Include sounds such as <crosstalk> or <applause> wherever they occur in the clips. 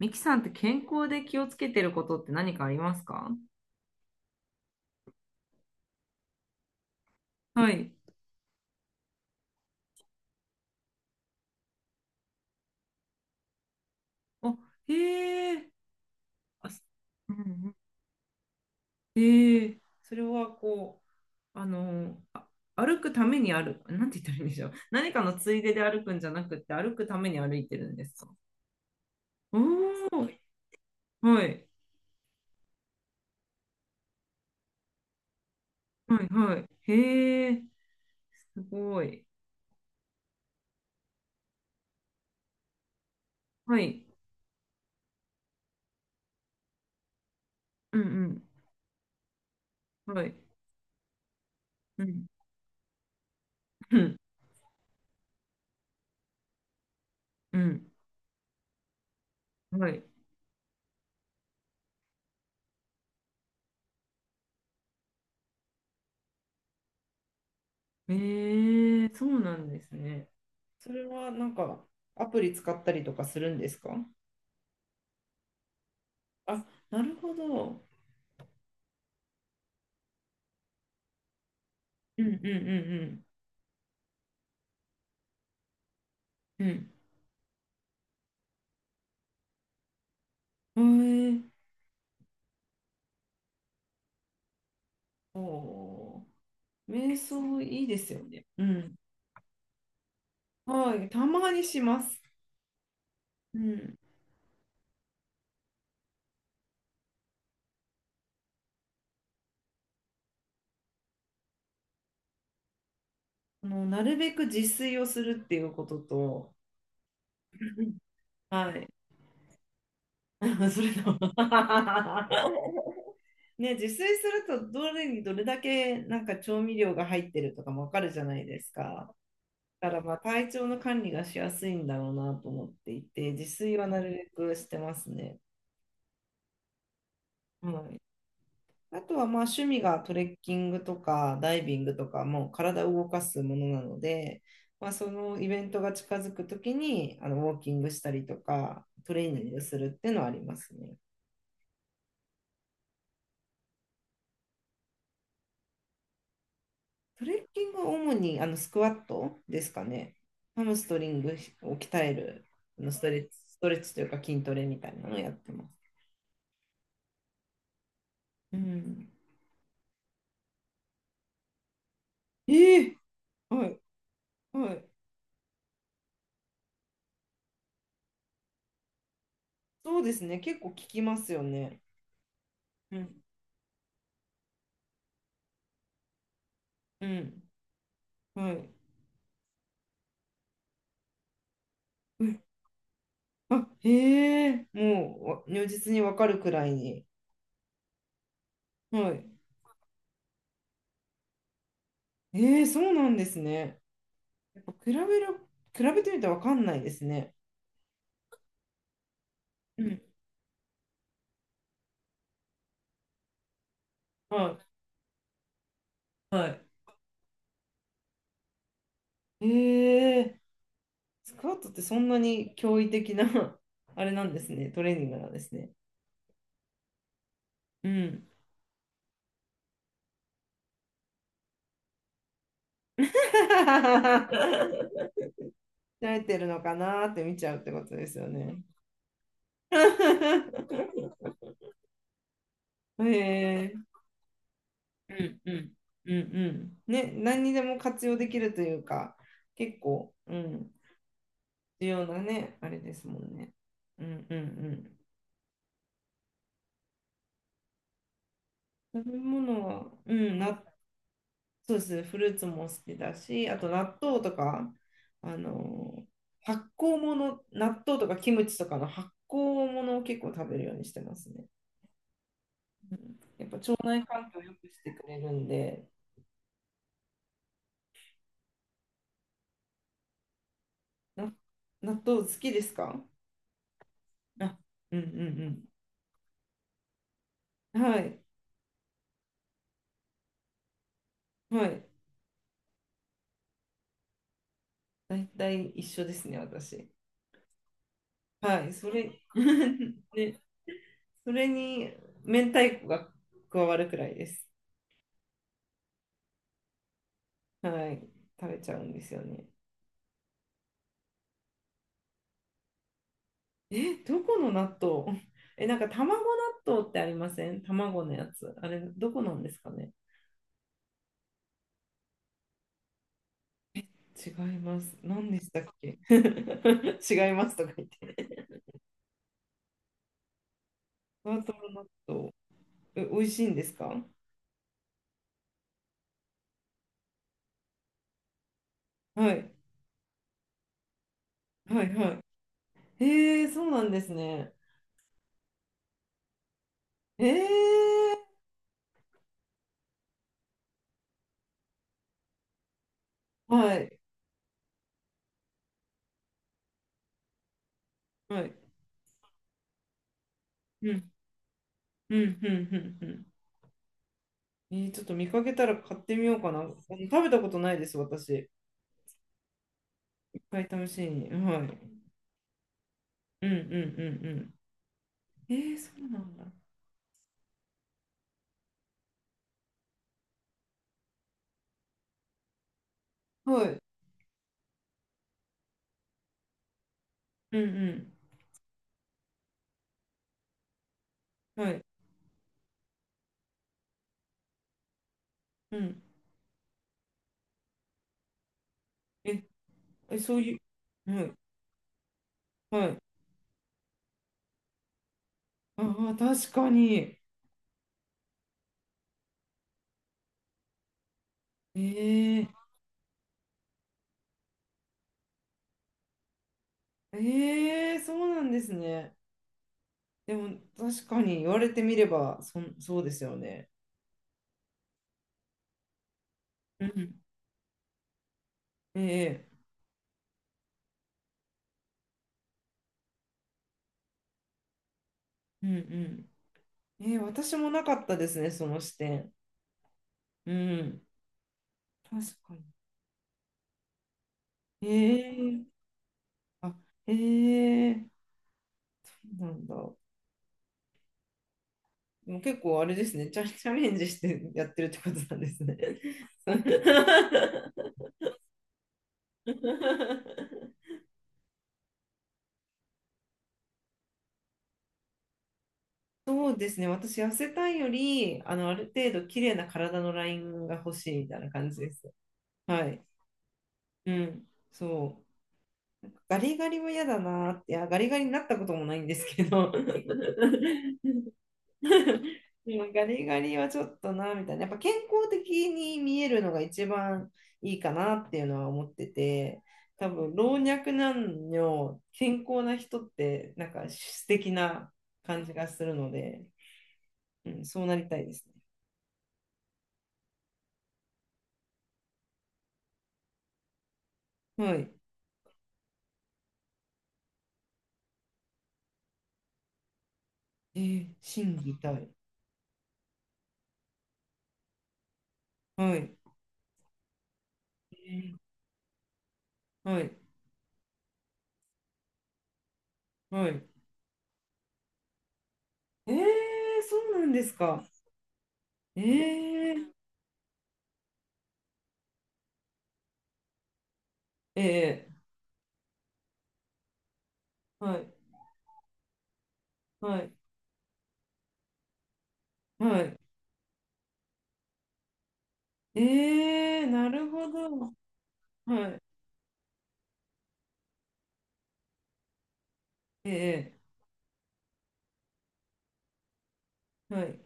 ミキさんって健康で気をつけてることって何かありますか？はい。あ、へえ、あ、す、うんうん、へえ、それはこう、あ、歩くために歩く、なんて言ったらいいんでしょう。何かのついでで歩くんじゃなくて、歩くために歩いてるんですか？おおー、はい、はい、はい。へえ、すごい。はい、うん、うん、はい、うん、うん、うん、はい。ええ、そうなんですね。それはなんかアプリ使ったりとかするんですか？あ、なるほど。うんうんうんうんうん。へえ。おー、瞑想いいですよね。うん。はい、たまにします。うん。なるべく自炊をするっていうことと、うん、はい。<laughs> それと <laughs> ね、自炊するとどれにどれだけなんか調味料が入ってるとかもわかるじゃないですか。だからまあ体調の管理がしやすいんだろうなと思っていて、自炊はなるべくしてますね。はい、あとはまあ趣味がトレッキングとかダイビングとか、もう体を動かすものなので、まあ、そのイベントが近づくときにウォーキングしたりとか、トレーニングするっていうのはありますね。トレッキングは主にスクワットですかね。ハムストリングを鍛えるストレッチというか筋トレみたいなのをやってます。うん、ええ、はい。はい。そうですね。結構聞きますよね。うん。うん。はい。うん、あ、へえ、もうわ、如実にわかるくらいに。はい。ええ、そうなんですね。やっぱ比べてみてわかんないですね。うん。は、はい。はい。ええ、スクワットってそんなに驚異的な <laughs> あれなんですね。トレーニングなんですね。うん。<laughs> 慣れてるのかなーって見ちゃうってことですよね。<laughs> へえ。うんうんうんうん、ね、何にでも活用できるというか結構、うん、重要なね、あれですもんね。うんうん、うん、食べ物は、うん、な、そうです、フルーツも好きだしあと納豆とかあの発酵物、納豆とかキムチとかの発酵物を結構食べるようにしてますね。うん、やっぱ腸内環境を良くしてくれるんで、な納豆好きですか？あ、うんうん、うん、はいはい、大体一緒ですね、私。はい、それ、<laughs> ね、それに明太子が加わるくらいです。はい、食べちゃうんですよね。え、どこの納豆 <laughs> え、なんか卵納豆ってありません？卵のやつ。あれ、どこなんですかね？違います。何でしたっけ <laughs> 違いますとか言って。ふわとろ納豆。え、美味しいんですか？はい、はい、はい。へえー、そうなんですね。へえ、はい、はい。うんうんうんうんうん。えーちょっと見かけたら買ってみようかな。食べたことないです、私。一回試しに。はい。うんうんうんうん。えー、そうなんだ。はい。うんうん。はい。うん。え、え、そういう。はい。はい。ああ、確かに。えー、えー、そうなんですね。でも、確かに言われてみれば、そうですよね。うん。えー、うんうん。えー、私もなかったですね、その視点。うん。確かに。ええ、あ、ええ、そうなんだ。でも結構あれですね、<laughs> チャレンジしてやってるってことなんですね。<laughs> そうですね、私、痩せたいより、ある程度綺麗な体のラインが欲しいみたいな感じです。はい。うん、そう。ガリガリは嫌だなーって、いや、ガリガリになったこともないんですけど、<laughs> <laughs> うん、ガリガリはちょっとな、みたいな。やっぱ健康的に見えるのが一番いいかなっていうのは思ってて、多分老若男女、健康な人って、なんか素敵な感じがするので、うん、そうなりたいですね。はい。えー、心たい、はい。はい。はい。えー、そうなんですか。えー、えー、はい。はい。はい。えー、なるほど。はい。え、はい。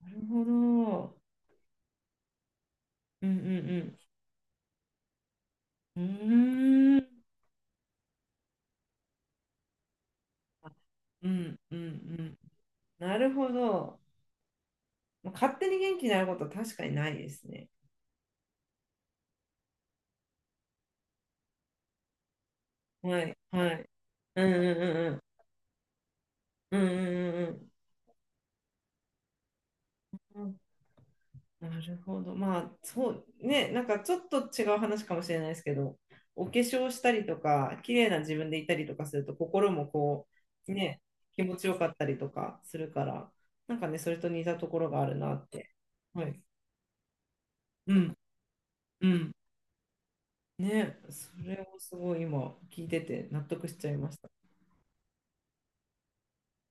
なるほど。うんうんうん。うーん。うんうんうん。なるほど。まあ勝手に元気になることは確かにないですね。はいはい。うんうんうんうんうんうんうんうん。なるほど。まあそうね、なんかちょっと違う話かもしれないですけど、お化粧したりとか、綺麗な自分でいたりとかすると、心もこう、ね、気持ちよかったりとかするから、なんかね、それと似たところがあるなって。はい。うんうん。ね、それをすごい今聞いてて納得しちゃいました。